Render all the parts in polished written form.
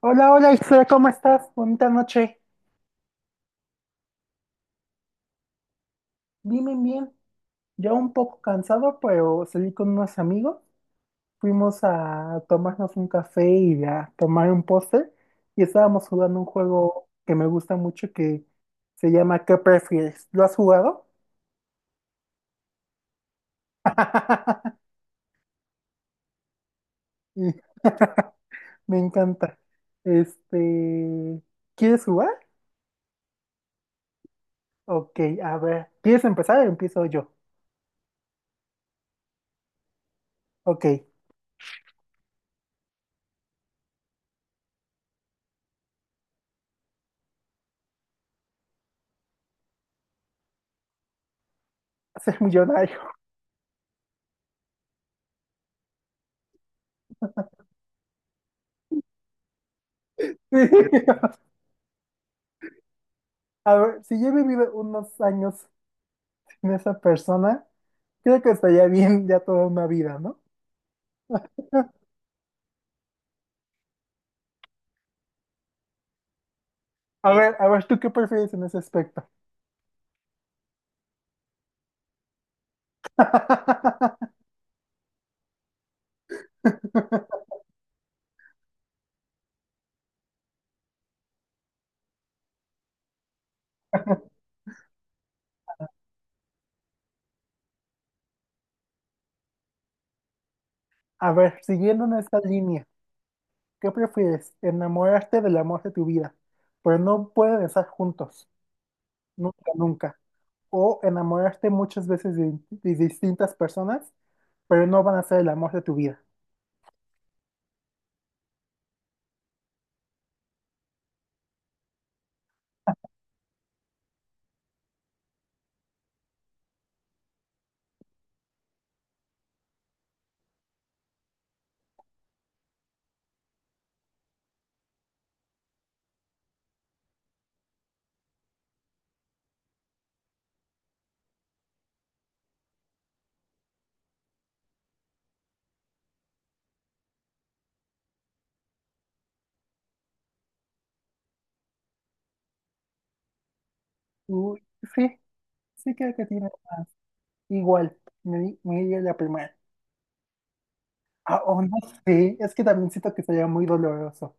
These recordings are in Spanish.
Hola, hola Isra, ¿cómo estás? Bonita noche. Bien, bien, bien. Ya un poco cansado, pero salí con unos amigos. Fuimos a tomarnos un café y a tomar un postre. Y estábamos jugando un juego que me gusta mucho que se llama ¿Qué prefieres? ¿Lo has jugado? Y- Me encanta. Este, ¿Quieres jugar? Ok, a ver. ¿Quieres empezar o empiezo yo? Ok, ser millonario. A ver, si yo he vivido unos años sin esa persona, creo que estaría bien ya toda una vida, ¿no? A ver, ¿tú qué prefieres en ese aspecto? A ver, siguiendo en esta línea, ¿qué prefieres? ¿Enamorarte del amor de tu vida, pero no pueden estar juntos, nunca, nunca? ¿O enamorarte muchas veces de distintas personas, pero no van a ser el amor de tu vida? Uy, sí, sí creo que tiene más. Igual, me iría la primera. Ah, o no sé, es que también siento que sería muy doloroso.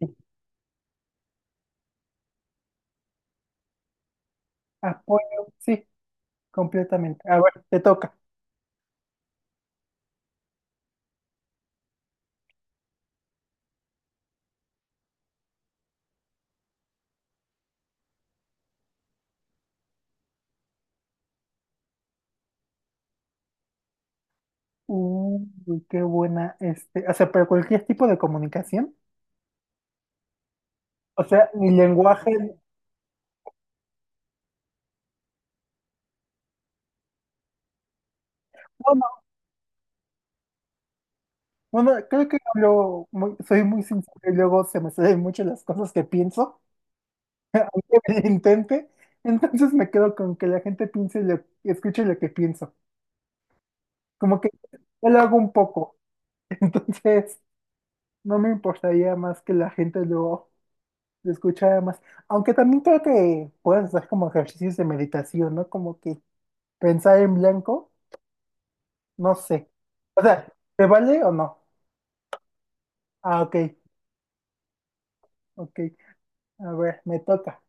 Sí, apoyo, sí, completamente. A ver, te toca. Uy, qué buena, o sea, pero cualquier tipo de comunicación. O sea, mi lenguaje, no, no, bueno, creo que hablo muy, soy muy sincero y luego se me salen mucho las cosas que pienso, aunque me lo intente, entonces me quedo con que la gente piense lo, escuche lo que pienso. Como que yo lo hago un poco, entonces no me importaría más que la gente lo... se escucha más. Aunque también creo que puedes hacer como ejercicios de meditación, ¿no? Como que pensar en blanco, no sé. O sea, ¿te vale o no? Ah, ok, ok. A ver, me toca.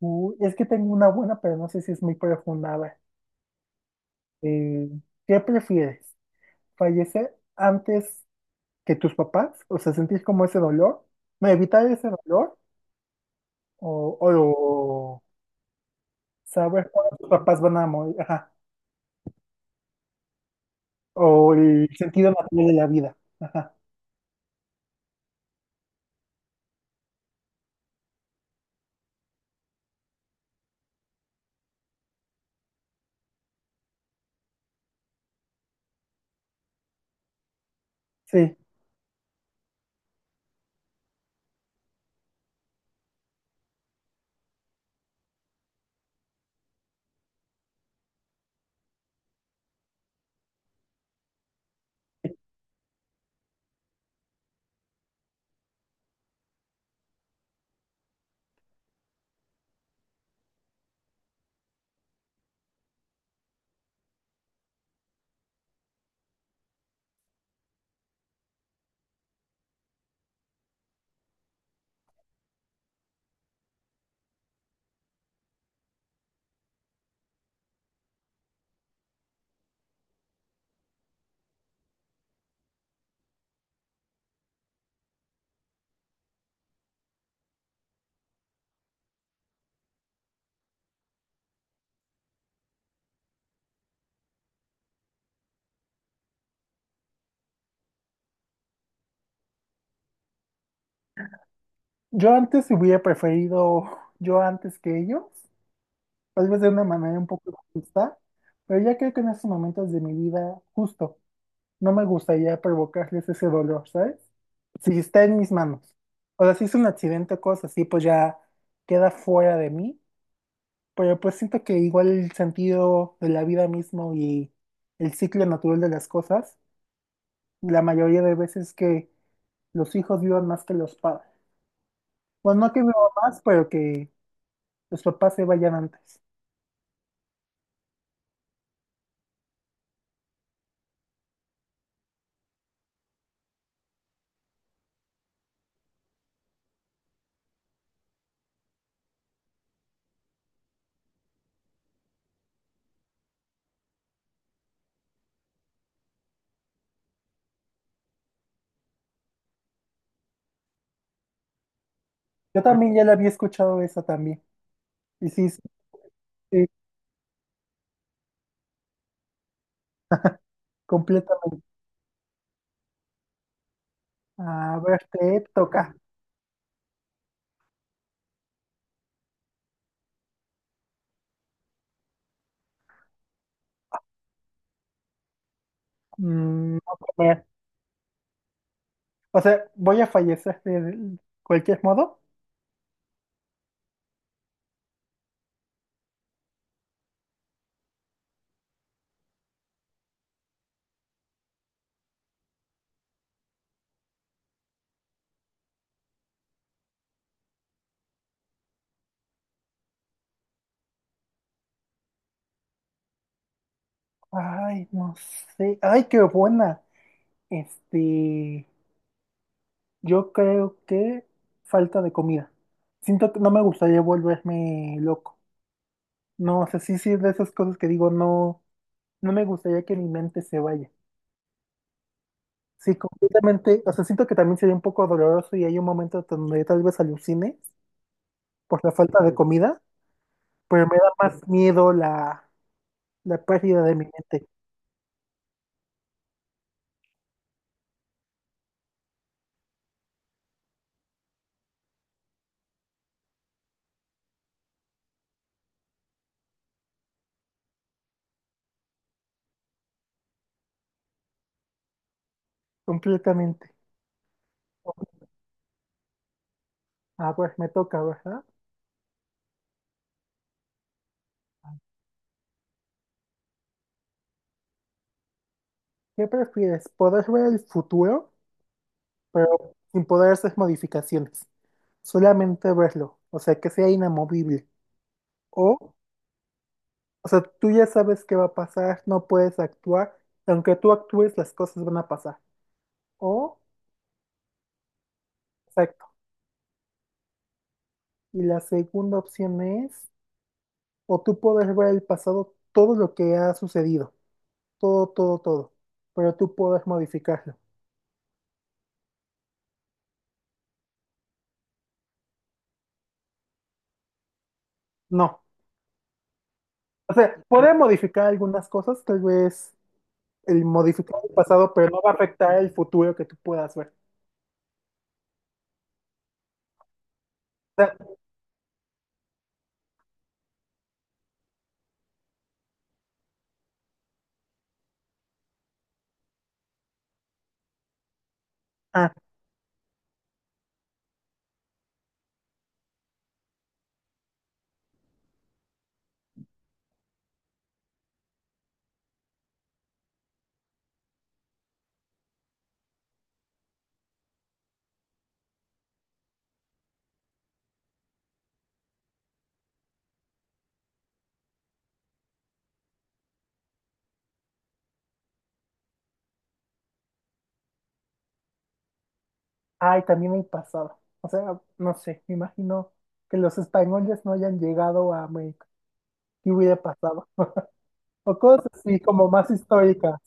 Es que tengo una buena, pero no sé si es muy profunda. A ver, eh, ¿qué prefieres? ¿Fallecer antes que tus papás? O sea, sentir como ese dolor. No, evitar ese dolor. O saber cuándo tus papás van a morir. Ajá. O el sentido natural de la vida. Ajá. Sí, yo antes hubiera preferido yo antes que ellos, tal vez de una manera un poco justa, pero ya creo que en estos momentos de mi vida, justo, no me gustaría provocarles ese dolor, ¿sabes? Si está en mis manos. O sea, si es un accidente o cosas así, pues ya queda fuera de mí, pero pues siento que igual el sentido de la vida mismo y el ciclo natural de las cosas, la mayoría de veces que los hijos vivan más que los padres. Bueno, no que vivan más, pero que los papás se vayan antes. Yo también ya la había escuchado esa también. Y sí, sí, sí, completamente. A ver, te toca. No comer. O sea, voy a fallecer de cualquier modo. Ay, no sé. Ay, qué buena. Este, yo creo que falta de comida. Siento que no me gustaría volverme loco. No, o sea, sí, sí, es de esas cosas que digo, no, no me gustaría que mi mente se vaya. Sí, completamente. O sea, siento que también sería un poco doloroso y hay un momento donde tal vez alucine por la falta de comida, pero me da más miedo la pérdida de mi mente. Completamente. A ver, me toca, ¿verdad? ¿Qué prefieres? ¿Poder ver el futuro, pero sin poder hacer modificaciones? Solamente verlo, o sea, que sea inamovible. O, o sea, tú ya sabes qué va a pasar, no puedes actuar, y aunque tú actúes, las cosas van a pasar. O, o sea, Y la segunda opción es, o tú puedes ver el pasado, todo lo que ha sucedido, todo, todo, todo, pero tú puedes modificarlo. No. O sea, puedes modificar algunas cosas, tal vez el modificar el pasado, pero no va a afectar el futuro que tú puedas ver. O sea, ah, ay, también el pasado. O sea, no sé, me imagino que los españoles no hayan llegado a América. ¿Qué hubiera pasado? O cosas así como más históricas.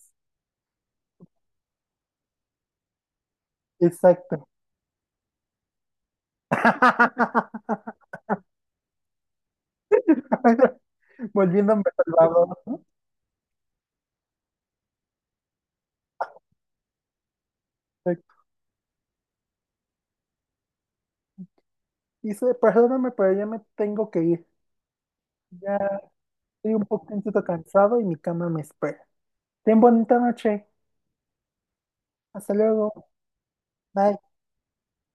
Exacto. Volviéndome salvador, ¿no? De- Dice, perdóname, pero ya me tengo que ir. Ya estoy un poquito cansado y mi cama me espera. Ten bonita noche. Hasta luego. Bye.